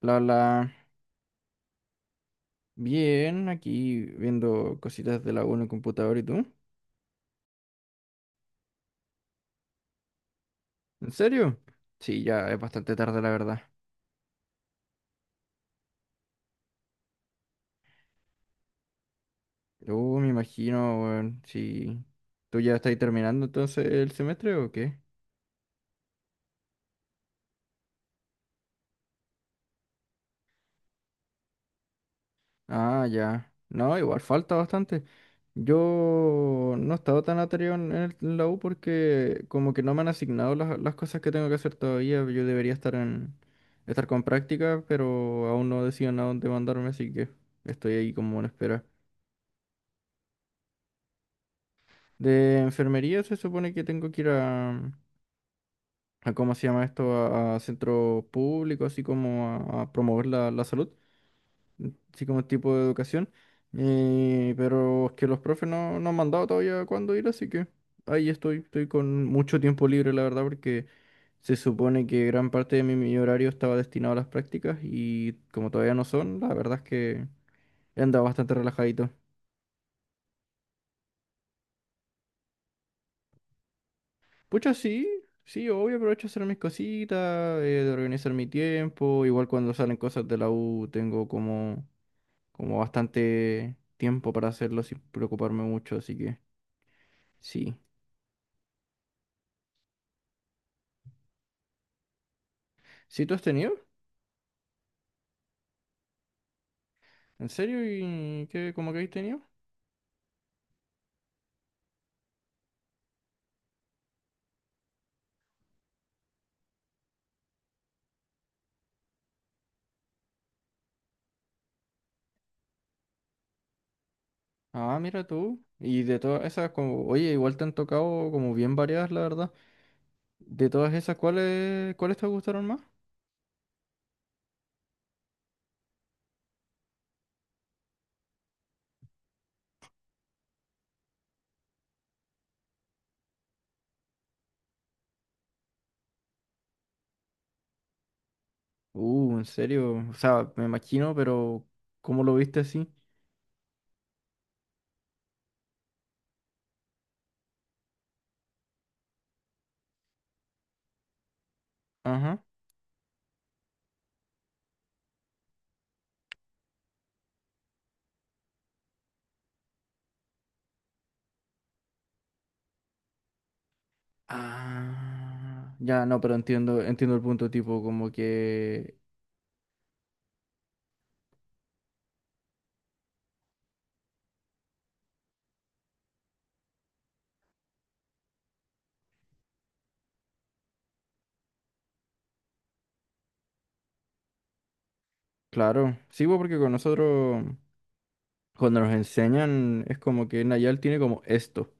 La, la. Bien, aquí viendo cositas de la U en el computador y tú. ¿En serio? Sí, ya es bastante tarde, la verdad. Me imagino, weón, si tú ya estás terminando entonces el semestre o qué. Ah, ya. No, igual falta bastante. Yo no he estado tan atareado en la U porque como que no me han asignado las cosas que tengo que hacer todavía. Yo debería estar con práctica, pero aún no decían a dónde mandarme, así que estoy ahí como en espera. De enfermería se supone que tengo que ir a ¿cómo se llama esto? A centros públicos, así como a promover la salud, así como tipo de educación. Pero es que los profes no han mandado todavía cuándo ir, así que ahí estoy con mucho tiempo libre, la verdad, porque se supone que gran parte de mi horario estaba destinado a las prácticas y como todavía no son, la verdad es que he andado bastante relajadito. Pucha, sí, sí, obvio, aprovecho a hacer mis cositas, de organizar mi tiempo. Igual cuando salen cosas de la U tengo como bastante tiempo para hacerlo sin preocuparme mucho, así que sí. ¿Sí tú has tenido? ¿En serio? ¿Y qué, cómo que has tenido? Ah, mira tú. Y de todas esas, como, oye, igual te han tocado como bien variadas, la verdad. De todas esas, ¿cuáles te gustaron más? En serio. O sea, me imagino, pero ¿cómo lo viste así? Ajá. Ah, ya, no, pero entiendo el punto, tipo, como que, claro, sí, pues, porque con nosotros, cuando nos enseñan, es como que Nayal tiene como esto,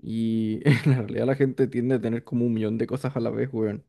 y en la realidad la gente tiende a tener como un millón de cosas a la vez, weón.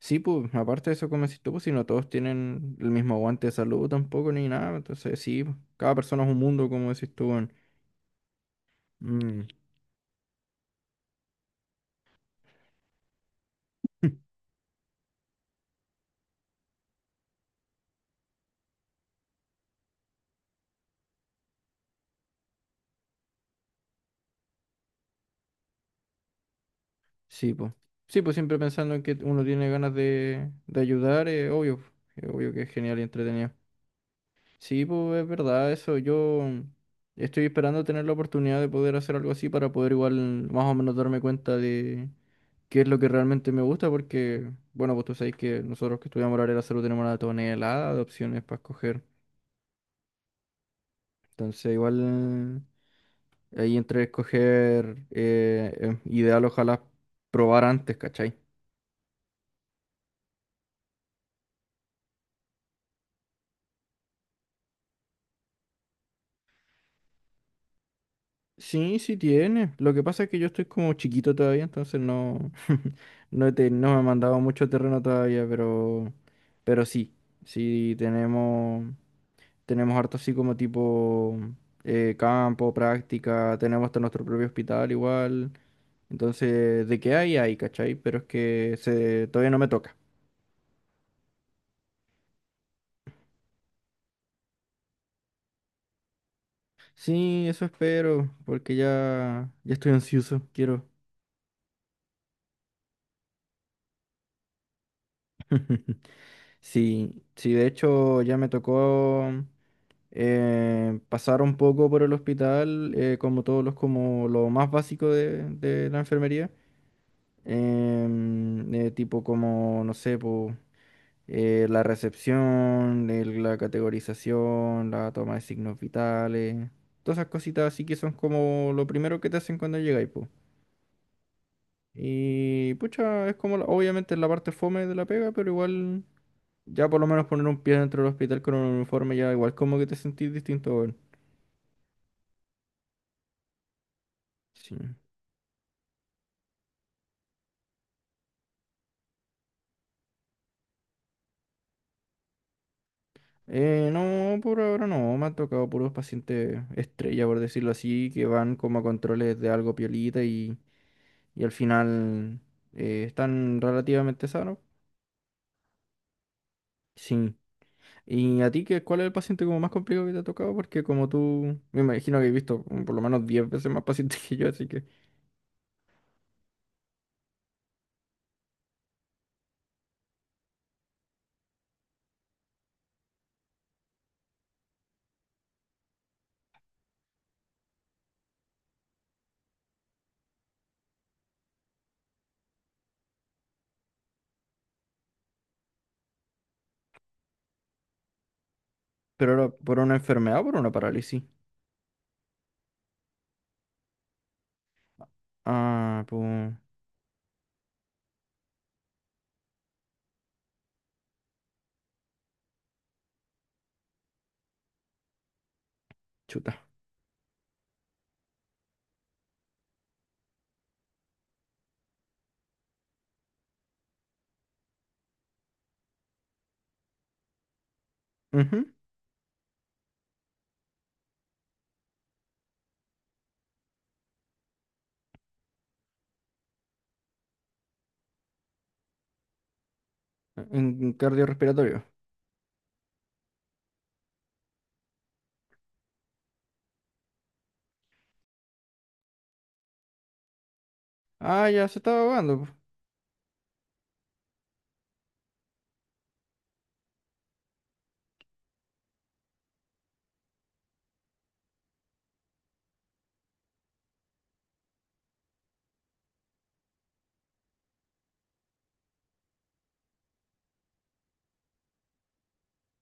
Sí, pues, aparte de eso, como decís tú, pues, si no todos tienen el mismo aguante de salud tampoco, ni nada, entonces sí, pues, cada persona es un mundo, como decís tú, weón. Mm. Sí, pues. Sí, pues siempre pensando en que uno tiene ganas de ayudar, es obvio. Es obvio que es genial y entretenido. Sí, pues es verdad, eso. Yo estoy esperando tener la oportunidad de poder hacer algo así para poder igual más o menos darme cuenta de qué es lo que realmente me gusta, porque, bueno, pues tú sabes que nosotros que estudiamos la área de la salud tenemos una tonelada de opciones para escoger. Entonces, igual ahí entre escoger ideal, ojalá probar antes, ¿cachai? Sí, sí tiene. Lo que pasa es que yo estoy como chiquito todavía, entonces no, no, no me han mandado mucho terreno todavía, pero sí, sí tenemos, tenemos harto así como tipo campo, práctica, tenemos hasta nuestro propio hospital igual. Entonces, de qué hay, hay, ¿cachai? Pero es que se, todavía no me toca. Sí, eso espero, porque ya, ya estoy ansioso, quiero. Sí, sí, de hecho ya me tocó. Pasar un poco por el hospital, como todos los, como lo más básico de la enfermería, tipo como, no sé, po, la recepción, la categorización, la toma de signos vitales, todas esas cositas así que son como lo primero que te hacen cuando llegáis, po. Y pucha, es como, obviamente es la parte fome de la pega, pero igual... Ya por lo menos poner un pie dentro del hospital con un uniforme ya igual como que te sentís distinto, weón. Sí. No, por ahora no, me han tocado puros pacientes estrella, por decirlo así, que van como a controles de algo piolita y al final están relativamente sanos. Sí. ¿Y a ti qué, cuál es el paciente como más complicado que te ha tocado? Porque como tú, me imagino que he visto por lo menos 10 veces más pacientes que yo, así que... ¿Pero era por una enfermedad o por una parálisis? Ah, pues... Chuta. Ujú. En cardiorrespiratorio. Ah, ya se estaba ahogando, po.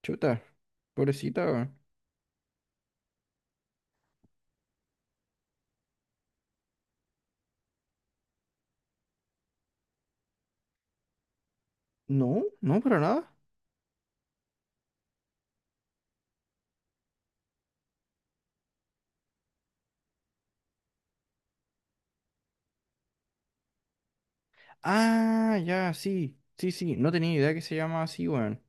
Chuta. Pobrecita, weón. No, no, para nada. Ah, ya, sí, sí, sí. No tenía idea que se llama así, weón.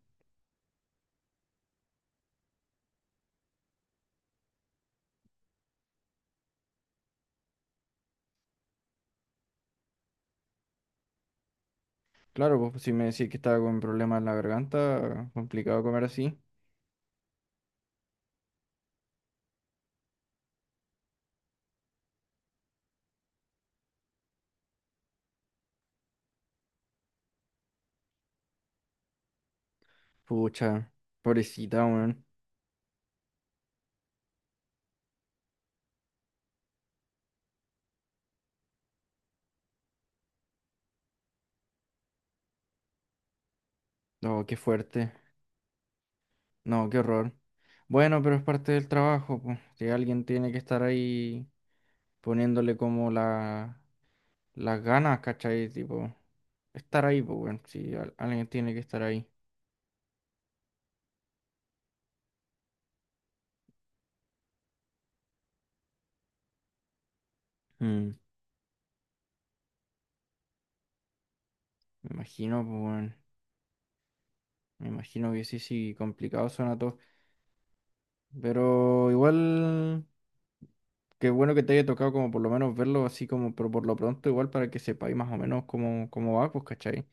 Claro, pues pues, si me decís que estaba con problemas en la garganta, complicado comer así. Pucha, pobrecita, weón. No, qué fuerte. No, qué horror. Bueno, pero es parte del trabajo, pues. Si alguien tiene que estar ahí poniéndole como las ganas, ¿cachai? Tipo, estar ahí, pues, weón. Si alguien tiene que estar ahí. Mm, me imagino, pues, weón. Me imagino que sí, sí, complicado suena todo. Pero igual, qué bueno que te haya tocado como por lo menos verlo así como, pero por lo pronto igual para que sepáis más o menos cómo, cómo va, pues, ¿cachai?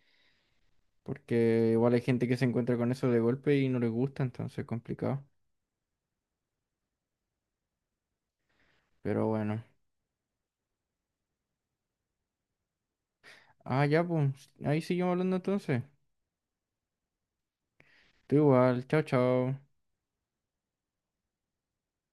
Porque igual hay gente que se encuentra con eso de golpe y no les gusta, entonces es complicado. Pero bueno. Ah, ya, pues, ahí seguimos hablando entonces. Tú igual, chao, chao.